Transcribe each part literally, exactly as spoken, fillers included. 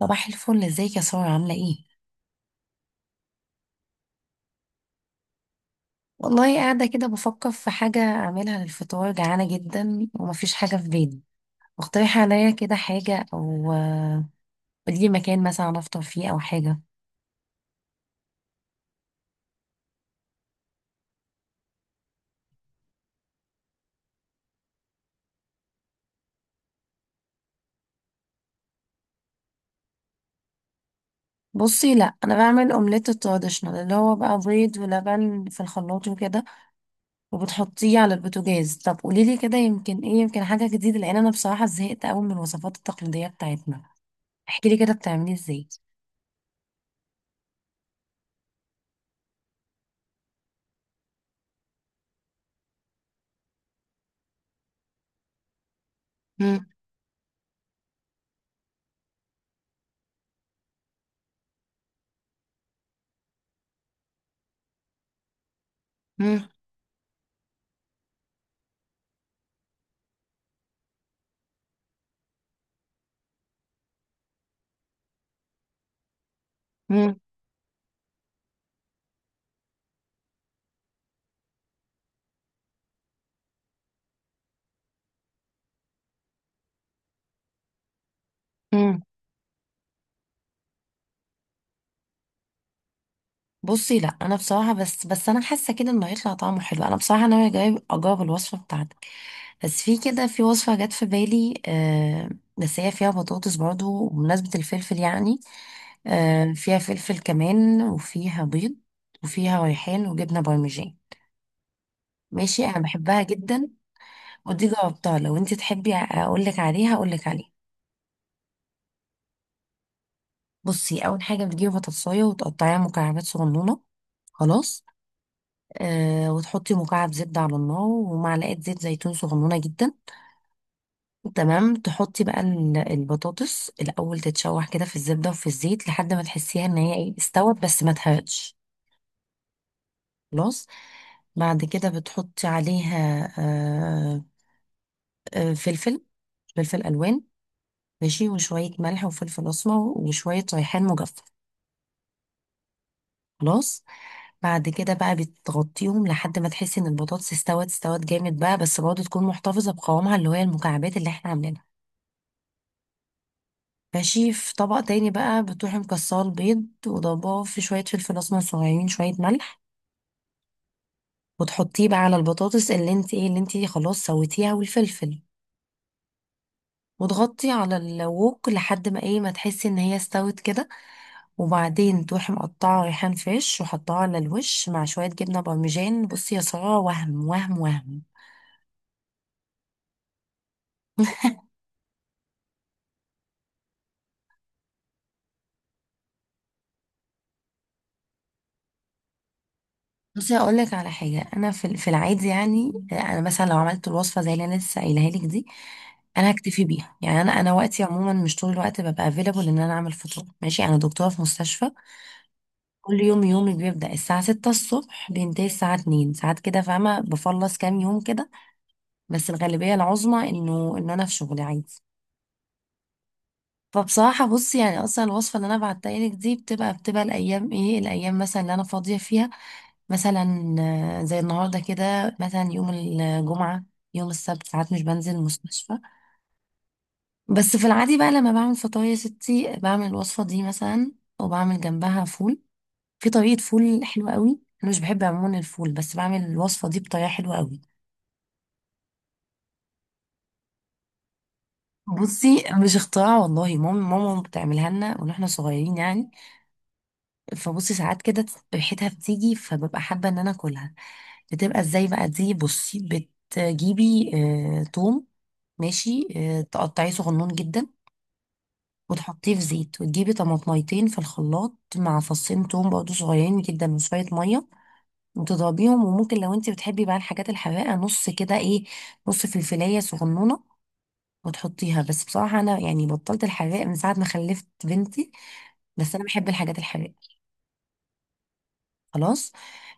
صباح الفل، ازيك يا سارة؟ عاملة ايه؟ والله قاعدة كده بفكر في حاجة أعملها للفطار، جعانة جدا ومفيش حاجة في بالي. اقترحي عليا كده حاجة أو آه، قوليلي مكان مثلا أنا أفطر فيه أو حاجة. بصي، لأ، أنا بعمل أومليت التراديشنال اللي هو بقى بيض ولبن في الخلاط وكده، وبتحطيه على البوتاجاز. طب قوليلي كده يمكن ايه، يمكن حاجة جديدة، لأن أنا بصراحة زهقت أوي من الوصفات التقليدية بتاعتنا. احكيلي كده بتعمليه ازاي. مم، مم، مم، مم. بصي، لا، انا بصراحه بس بس انا حاسه كده انه هيطلع طعمه حلو. انا بصراحه انا جايب اجاوب الوصفه بتاعتك، بس في كده في وصفه جت في بالي. آه بس هي فيها بطاطس برضو، بمناسبه الفلفل يعني. آه، فيها فلفل كمان وفيها بيض، وفيها ريحان وجبنه بارميجان. ماشي، انا بحبها جدا. ودي جربتها، لو انت تحبي اقول لك عليها اقول لك عليها. بصي، اول حاجه بتجيبي بطاطسايه وتقطعيها مكعبات صغنونه. خلاص، آه وتحطي مكعب زبدة على النار ومعلقة زيت زيتون صغنونة جدا. تمام، تحطي بقى ال- البطاطس الأول تتشوح كده في الزبدة وفي الزيت، لحد ما تحسيها إن هي إيه، استوت بس ما اتحرقتش. خلاص، بعد كده بتحطي عليها آه آه فلفل، فلفل ألوان. ماشي، وشوية ملح وفلفل أسمر وشوية ريحان مجفف. خلاص، بعد كده بقى بتغطيهم لحد ما تحسي ان البطاطس استوت، استوت جامد بقى، بس برضه تكون محتفظة بقوامها اللي هي المكعبات اللي احنا عاملينها. ماشي، في طبق تاني بقى بتروحي مكسرة البيض وضرباه في شوية فلفل أسمر صغيرين، شوية ملح. وتحطيه بقى على البطاطس اللي انت ايه، اللي انت خلاص سويتيها، والفلفل. وتغطي على الووك لحد ما ايه، ما تحسي ان هي استوت كده. وبعدين تروحي مقطعة ريحان فريش وحطها على الوش مع شوية جبنة بارميجان. بصي يا سارة، وهم وهم وهم. بصي، هقول لك على حاجه، انا في ال- في العادي، يعني انا مثلا لو عملت الوصفه زي اللي انا لسه قايلها لك دي، انا هكتفي بيها. يعني انا انا وقتي عموما مش طول الوقت ببقى افيلابل ان انا اعمل فطور. ماشي، انا دكتوره في مستشفى. كل يوم يومي بيبدا الساعه ستة الصبح، بينتهي الساعه اتنين، ساعات كده فاهمه بخلص كام يوم كده، بس الغالبيه العظمى انه ان انا في شغلي عادي. فبصراحه، بصي يعني اصلا الوصفه اللي انا بعتها لك دي بتبقى، بتبقى الايام ايه، الايام مثلا اللي انا فاضيه فيها، مثلا آه، زي النهارده كده، مثلا يوم الجمعة، يوم السبت ساعات مش بنزل المستشفى. بس في العادي بقى لما بعمل فطاير يا ستي، بعمل الوصفة دي مثلا، وبعمل جنبها فول. في طريقة فول حلوة قوي، انا مش بحب عموما الفول بس بعمل الوصفة دي بطريقة حلوة قوي. بصي، مش اختراع والله، ماما ماما بتعملها لنا واحنا صغيرين يعني. فبصي، ساعات كده ريحتها بتيجي فببقى حابة ان انا اكلها. بتبقى ازاي بقى دي؟ بصي، بتجيبي آه، توم، ماشي، آه، تقطعيه صغنون جدا، وتحطيه في زيت، وتجيبي طماطميتين في الخلاط مع فصين توم برضه صغيرين جدا، وشوية مية، وتضربيهم. وممكن لو انت بتحبي بقى الحاجات الحراقة، نص كده ايه، نص فلفلاية صغنونة، وتحطيها. بس بصراحة أنا يعني بطلت الحراق من ساعة ما خلفت بنتي، بس أنا بحب الحاجات الحراقة. خلاص،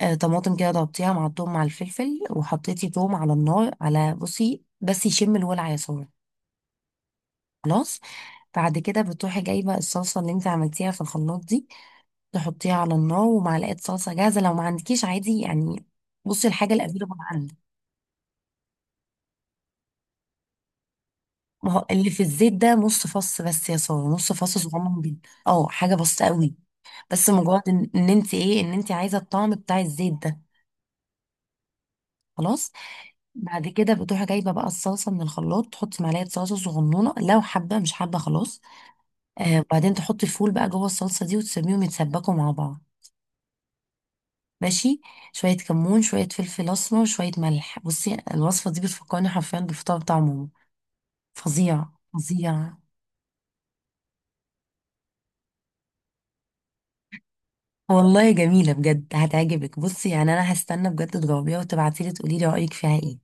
آه، طماطم كده ضربتيها مع التوم مع الفلفل، وحطيتي توم على النار، على بصي، بس يشم الولع يا سارة. خلاص، بعد كده بتروحي جايبه الصلصه اللي انت عملتيها في الخلاط دي، تحطيها على النار، ومعلقه صلصه جاهزه لو ما عندكيش عادي يعني. بصي الحاجه الافيلابل عندك. ما هو اللي في الزيت ده نص فص بس يا ساره، نص فص صغنن جدا، اه حاجه بسيطه قوي، بس مجرد ان إن انت ايه، ان انت عايزه الطعم بتاع الزيت ده. خلاص، بعد كده بتروحي جايبه بقى الصلصه من الخلاط، تحطي معلقه صلصه صغنونه لو حابه، مش حابه خلاص. آه، وبعدين تحطي الفول بقى جوه الصلصه دي، وتسيبيهم يتسبكوا مع بعض. ماشي، شوية كمون، شوية فلفل أسمر، شوية ملح. بصي الوصفة دي بتفكرني حرفيا بالفطار بتاع ماما. فظيع، فظيع. والله جميلة بجد، هتعجبك. بصي يعني أنا هستنى بجد تجاوبيها وتبعتيلي تقولي لي رأيك فيها إيه.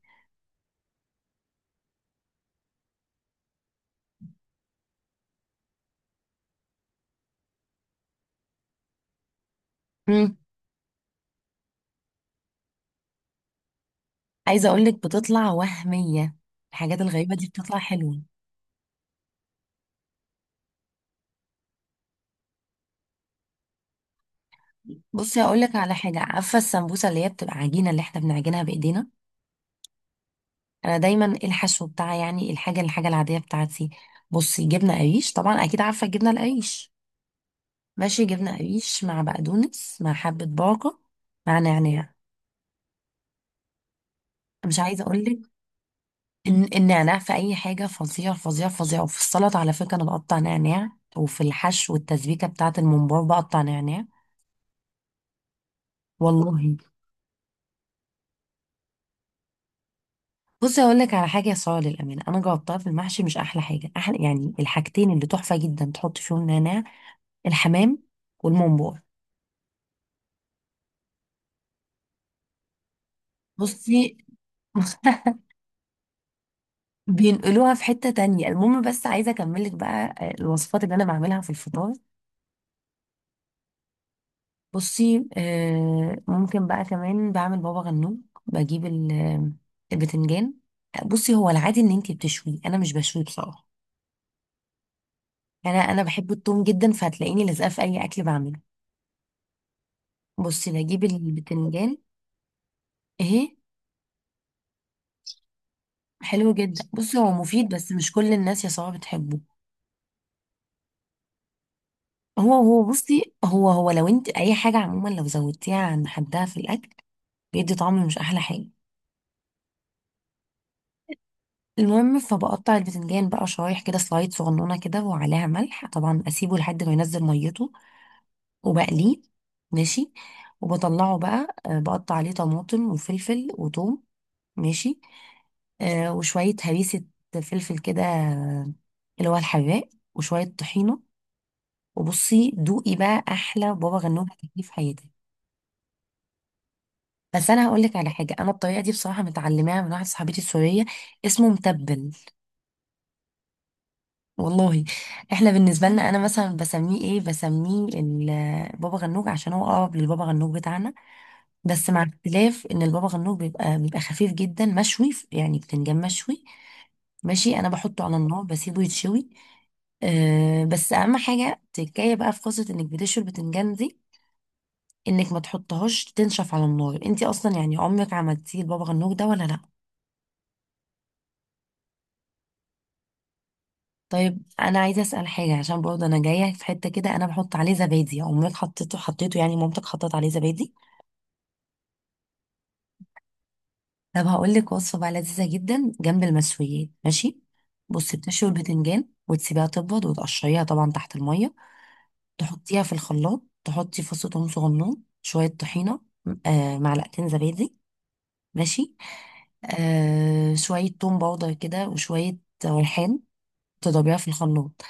مم. عايزة أقولك بتطلع وهمية، الحاجات الغريبة دي بتطلع حلوة. بصي هقولك على حاجة، عارفة السمبوسة اللي هي بتبقى عجينة اللي احنا بنعجنها بإيدينا؟ أنا دايما الحشو بتاعي، يعني الحاجة الحاجة العادية بتاعتي، بصي جبنة قريش، طبعا أكيد عارفة الجبنة القريش. ماشي، جبنة قريش مع بقدونس مع حبة باقة مع نعناع. مش عايزة أقولك إن النعناع في أي حاجة فظيع، فظيع، فظيع. وفي السلطة على فكرة أنا بقطع نعناع، وفي الحشو والتسبيكة بتاعة الممبار بقطع نعناع. والله. بصي أقول لك على حاجة يا سارة، للأمانة أنا جربتها في المحشي، مش أحلى حاجة. أحلى يعني الحاجتين اللي تحفة جدا تحط فيهم نعناع: الحمام، والممبار. بصي بينقلوها في حتة تانية. المهم، بس عايزة أكملك بقى آه، الوصفات اللي أنا بعملها في الفطار. بصي آه، ممكن بقى كمان بعمل بابا غنوج. بجيب ال- آه، البتنجان. بصي هو العادي ان انتي بتشويه، انا مش بشويه بصراحه. انا انا بحب التوم جدا، فهتلاقيني لازقه في اي اكل بعمله. بصي، بجيب البتنجان. اهي، حلو جدا. بصي هو مفيد بس مش كل الناس يا صباح بتحبه. هو هو بصي، هو هو لو انت اي حاجه عموما لو زودتيها عن حدها في الاكل، بيدي طعم مش احلى حاجه. المهم، فبقطع البتنجان بقى شرايح كده، سلايد صغنونه كده، وعليها ملح طبعا، اسيبه لحد ما ينزل ميته، وبقليه. ماشي، وبطلعه بقى، آه، بقطع عليه طماطم وفلفل وثوم. ماشي، آه، وشويه هريسه، فلفل كده آه، اللي هو الحراق، وشويه طحينه. وبصي، دوقي بقى احلى بابا غنوج هتاكليه في حياتك. بس انا هقول لك على حاجه، انا الطريقه دي بصراحه متعلماها من واحده صاحبتي السوريه، اسمه متبل. والله. احنا بالنسبه لنا، انا مثلا بسميه ايه، بسميه ال- بابا غنوج، عشان هو اقرب للبابا غنوج بتاعنا. بس مع اختلاف ان البابا غنوج بيبقى، بيبقى خفيف جدا مشوي، يعني بتنجان مشوي. ماشي، انا بحطه على النار بسيبه يتشوي. أه بس اهم حاجه تكايه بقى في قصه انك بتشوي البتنجان دي، انك ما تحطهاش تنشف على النار. انت اصلا يعني عمرك عملتيه البابا غنوج ده ولا لا؟ طيب انا عايزه اسال حاجه، عشان برضه انا جايه في حته كده، انا بحط عليه زبادي. امك حطيته، حطيته يعني مامتك حطت عليه زبادي؟ طب هقول لك وصفه بقى لذيذه جدا جنب المشويات. ماشي، بصي بتشوي البتنجان وتسيبيها تبرد وتقشريها طبعا تحت الميه. تحطيها في الخلاط، تحطي فص ثوم صغنون، شويه طحينه، آه معلقتين زبادي، ماشي، آه شويه توم باودر كده، وشويه ريحان، تضربيها في الخلاط.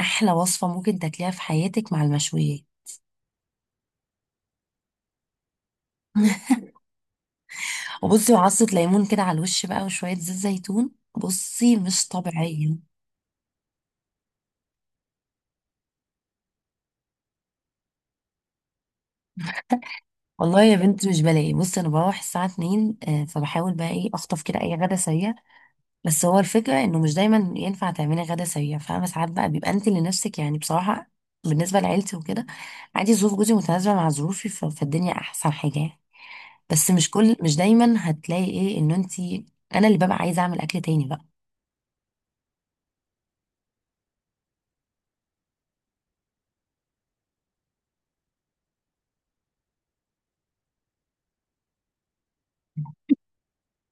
احلى وصفه ممكن تاكليها في حياتك مع المشويات. وبصي، وعصة ليمون كده على الوش بقى، وشوية زيت زيتون. بصي مش طبيعية. والله يا بنتي مش بلاقي. بصي انا بروح الساعة اتنين، آه، فبحاول بقى ايه، اخطف كده اي غدا سريع. بس هو الفكرة انه مش دايما ينفع تعملي غدا سريع، فاهمة. ساعات بقى بيبقى انت لنفسك يعني بصراحة. بالنسبة لعيلتي وكده عادي، ظروف جوزي متناسبة مع ظروفي، ف- فالدنيا احسن حاجة يعني. بس مش كل، مش دايما هتلاقي ايه انه انت، انا اللي ببقى عايزة اعمل اكل تاني بقى.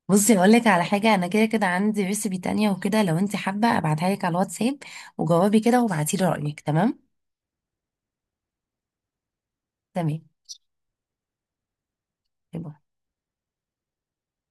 بصي هقول لك على حاجة، أنا كده كده عندي ريسبي تانية وكده، لو أنت حابة أبعتها لك على الواتساب وجوابي كده، وابعتي لي رأيك، تمام؟ تمام.